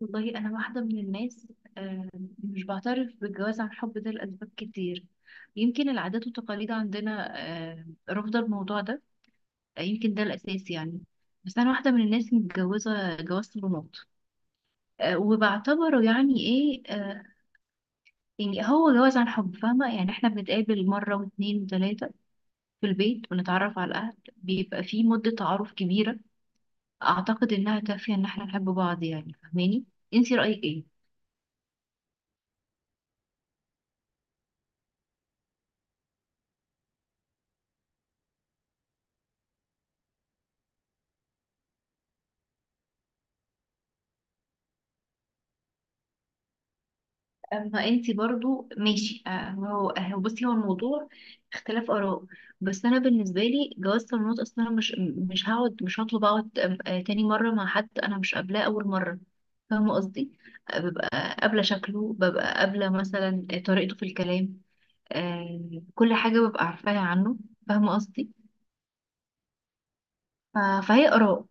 والله انا واحده من الناس، آه، مش بعترف بالجواز عن حب ده لاسباب كتير. يمكن العادات والتقاليد عندنا رافضه الموضوع ده. يمكن ده الاساس، يعني بس انا واحده من الناس متجوزه جواز صالونات وبعتبره يعني ايه. يعني هو جواز عن حب، فاهمه؟ يعني احنا بنتقابل مره واثنين وثلاثه في البيت ونتعرف على الاهل، بيبقى في مده تعارف كبيره اعتقد انها كافيه ان احنا نحب بعض. يعني فاهماني؟ انتي رايك ايه؟ اما انتي برضو ماشي. هو بصي، هو الموضوع اختلاف اراء. بس انا بالنسبه لي جواز صالونات اصلا، أنا مش هقعد، مش هطلب اقعد تاني مره مع حد انا مش قابلاه اول مره. فاهمه قصدي؟ ببقى قابله شكله، ببقى قابله مثلا طريقته في الكلام. آه، كل حاجه ببقى عارفاها عنه. فاهمه قصدي؟ ف- فهي اراء.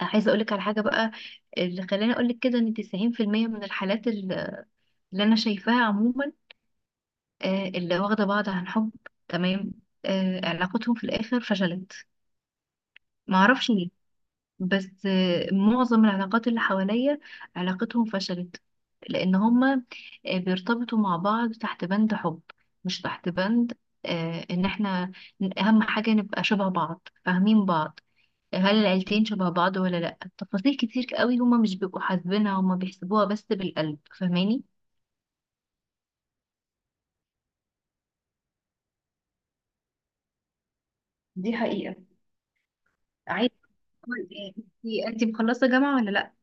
عايزه اقولك على حاجه بقى، اللي خلاني اقولك كده ان 90% من الحالات اللي انا شايفاها عموما، اللي واخدة بعض عن حب، تمام، علاقتهم في الآخر فشلت. معرفش ليه، بس معظم العلاقات اللي حواليا علاقتهم فشلت، لأن هما بيرتبطوا مع بعض تحت بند حب، مش تحت بند إن احنا أهم حاجة نبقى شبه بعض فاهمين بعض. هل العيلتين شبه بعض ولا لأ؟ تفاصيل كتير قوي هما مش بيبقوا حاسبينها، هما بيحسبوها بس بالقلب. فاهماني؟ دي حقيقة. عايز انتي مخلصة جامعة ولا لأ؟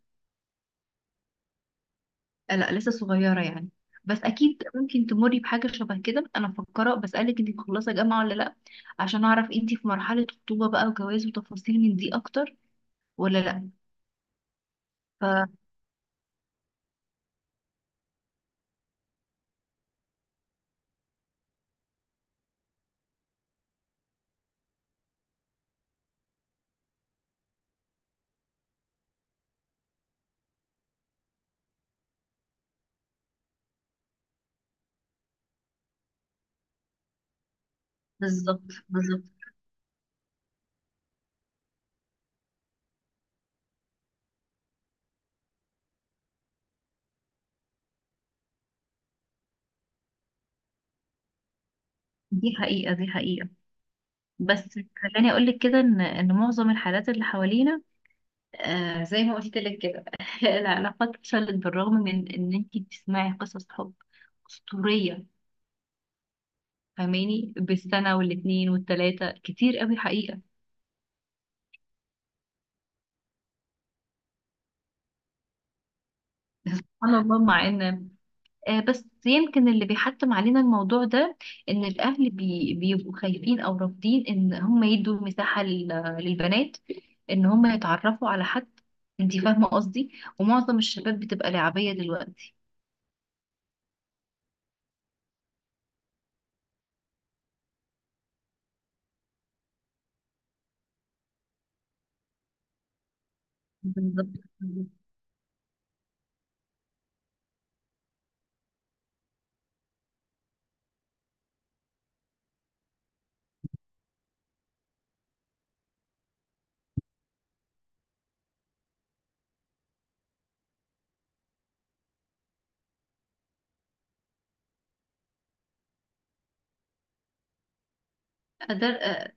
لا لسه صغيرة، يعني بس أكيد ممكن تمري بحاجة شبه كده. أنا مفكرة بسألك أنت مخلصة جامعة ولا لأ، عشان أعرف أنت في مرحلة خطوبة بقى وجواز وتفاصيل من دي أكتر ولا لأ. فبالظبط، بالظبط. دي حقيقة، دي حقيقة. بس خلاني أقولك كده إن معظم الحالات اللي حوالينا، آه زي ما قلت لك كده العلاقات فشلت بالرغم من إن أنت بتسمعي قصص حب أسطورية. فاهماني؟ بالسنة والاتنين والتلاتة كتير قوي حقيقة. سبحان الله، مع ان بس يمكن اللي بيحتم علينا الموضوع ده ان الاهل بيبقوا خايفين او رافضين ان هم يدوا مساحة للبنات ان هم يتعرفوا على حد. انتي فاهمة قصدي؟ ومعظم الشباب بتبقى لعبية دلوقتي. بالظبط. ده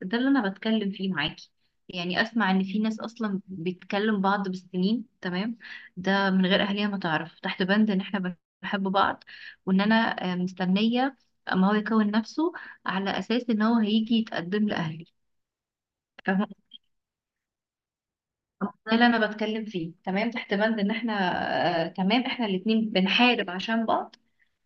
ده اللي انا بتكلم فيه معاكي، يعني اسمع ان في ناس اصلا بتكلم بعض بالسنين، تمام، ده من غير اهلها ما تعرف، تحت بند ان احنا بنحب بعض، وان انا مستنيه اما هو يكون نفسه، على اساس ان هو هيجي يتقدم لاهلي. فاهمة؟ ده اللي انا بتكلم فيه، تمام، تحت بند ان احنا، آه تمام، احنا الاتنين بنحارب عشان بعض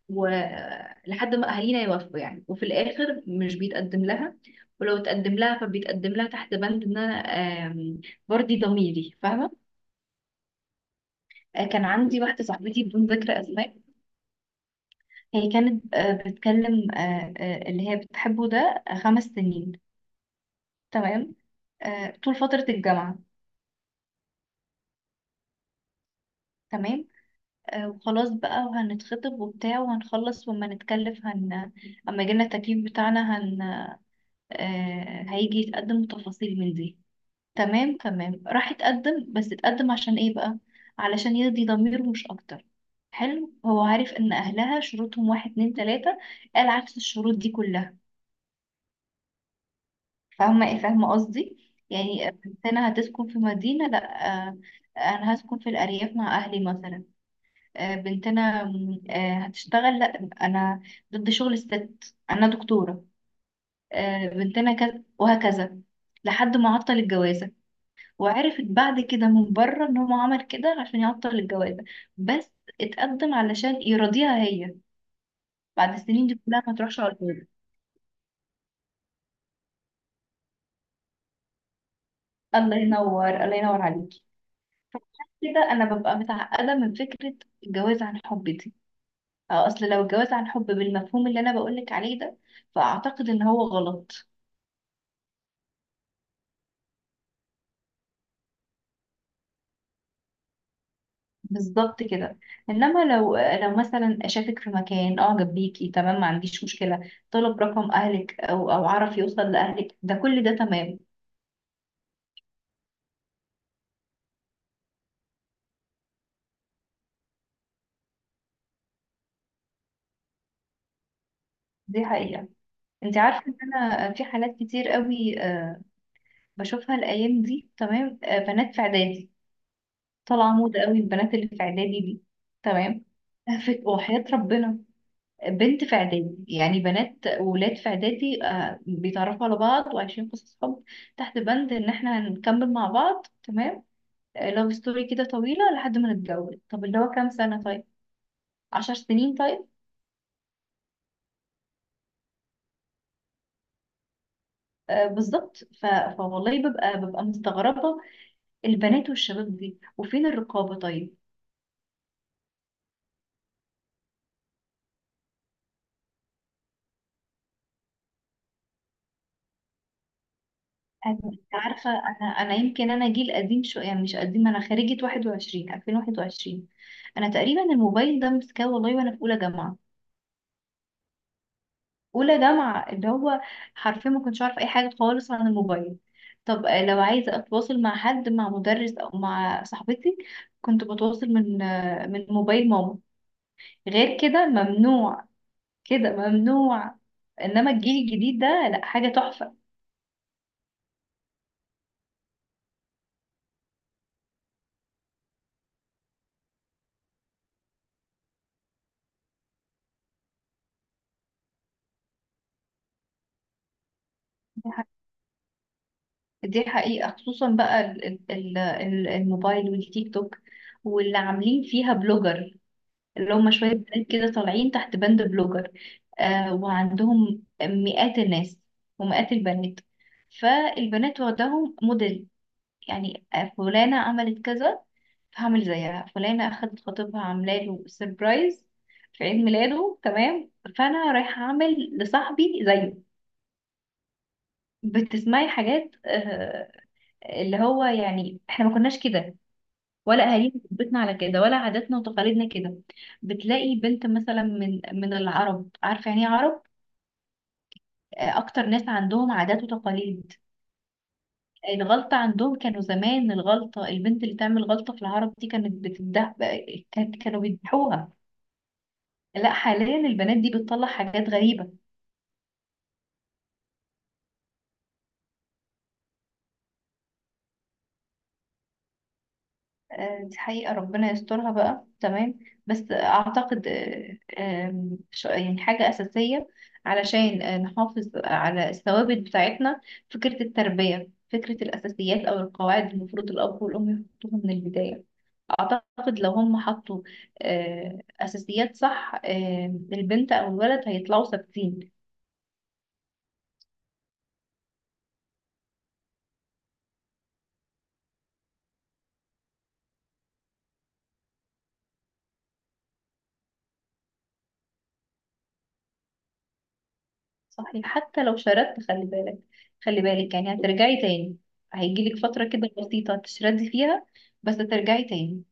ولحد ما اهالينا يوافقوا يعني، وفي الاخر مش بيتقدم لها، ولو اتقدم لها فبيتقدم لها تحت بند ان انا آم، برضي ضميري. فاهمه؟ كان عندي واحده صاحبتي بدون ذكر اسماء، هي كانت بتكلم اللي هي بتحبه ده خمس سنين، تمام، طول فتره الجامعه، تمام. وخلاص بقى وهنتخطب وبتاع وهنخلص وما نتكلف اما يجيلنا التكليف بتاعنا هيجي يتقدم، تفاصيل من دي، تمام تمام، راح يتقدم، بس اتقدم عشان ايه بقى؟ علشان يرضي ضميره مش اكتر. حلو، هو عارف ان اهلها شروطهم واحد اتنين تلاتة، قال عكس الشروط دي كلها. فاهمة ايه؟ فاهمة قصدي؟ يعني بنتنا هتسكن في مدينة، لا انا هسكن في الارياف مع اهلي مثلا. بنتنا هتشتغل، لا انا ضد شغل الست، انا دكتورة. بنتنا كذا وهكذا، لحد ما عطل الجوازة. وعرفت بعد كده من بره ان هو عمل كده عشان يعطل الجوازة، بس اتقدم علشان يرضيها هي بعد السنين دي كلها ما تروحش على الفاضي. الله ينور، الله ينور عليكي. كده انا ببقى متعقدة من فكرة الجواز عن حب دي. اصل لو الجواز عن حب بالمفهوم اللي انا بقولك عليه ده، فاعتقد ان هو غلط. بالظبط كده. انما لو مثلا شافك في مكان اعجب بيكي، تمام، ما عنديش مشكله طلب رقم اهلك او او عرف يوصل لاهلك، ده كل ده تمام. دي حقيقة. انت عارفه ان انا في حالات كتير قوي بشوفها الايام دي، تمام، بنات في اعدادي، طالعه موضه قوي البنات اللي في اعدادي دي، تمام. وحياه ربنا بنت في اعدادي، يعني بنات وولاد في اعدادي بيتعرفوا على بعض وعايشين قصص حب تحت بند ان احنا هنكمل مع بعض، تمام، لاف ستوري كده طويله لحد ما نتجوز. طب اللي هو كام سنه؟ طيب، عشر سنين؟ طيب، آه بالظبط. ف... فوالله ببقى مستغربة البنات والشباب دي. وفين الرقابة طيب؟ عارفة، أنا يمكن أنا جيل قديم شوية، يعني مش قديم، أنا خريجة 21 2021. أنا تقريبا الموبايل ده مسكاه والله وأنا في أولى جامعة، أولى جامعة، اللي هو حرفيا ما كنتش أعرف أي حاجة خالص عن الموبايل. طب لو عايزة أتواصل مع حد، مع مدرس أو مع صاحبتي، كنت بتواصل من من موبايل ماما، غير كده ممنوع، كده ممنوع. إنما الجيل الجديد ده لأ، حاجة تحفة. دي حقيقة، خصوصا بقى الموبايل والتيك توك واللي عاملين فيها بلوجر، اللي هم شوية بنات كده طالعين تحت بند بلوجر، آه وعندهم مئات الناس ومئات البنات. فالبنات واخداهم موديل، يعني فلانة عملت كذا فهعمل زيها، فلانة أخدت خطيبها عاملة له سربرايز في عيد ميلاده، تمام، فأنا رايحة أعمل لصاحبي زيه. بتسمعي حاجات اللي هو يعني احنا ما كناش كده، ولا اهالينا ربتنا على كده، ولا عاداتنا وتقاليدنا كده. بتلاقي بنت مثلا من العرب، عارفه يعني ايه عرب؟ اكتر ناس عندهم عادات وتقاليد. الغلطه عندهم، كانوا زمان الغلطه البنت اللي تعمل غلطه في العرب دي كانت بتده، كانوا بيذبحوها. لا حاليا البنات دي بتطلع حاجات غريبه. دي حقيقة، ربنا يسترها بقى، تمام. بس أعتقد يعني حاجة أساسية علشان نحافظ على الثوابت بتاعتنا، فكرة التربية، فكرة الأساسيات أو القواعد المفروض الأب والأم يحطوها من البداية. أعتقد لو هم حطوا أساسيات صح، البنت أو الولد هيطلعوا ثابتين. صحيح، حتى لو شردت، خلي بالك، خلي بالك، يعني هترجعي تاني. هيجيلك فترة كده بسيطة تشردي فيها، بس ترجعي تاني.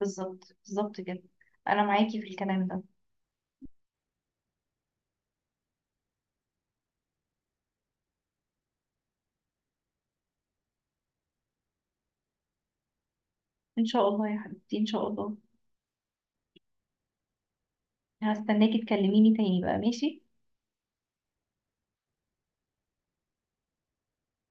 بالظبط، بالظبط كده، انا معاكي في الكلام ده. ان شاء الله يا حبيبتي، ان شاء الله. هستناكي تكلميني تاني بقى، ماشي.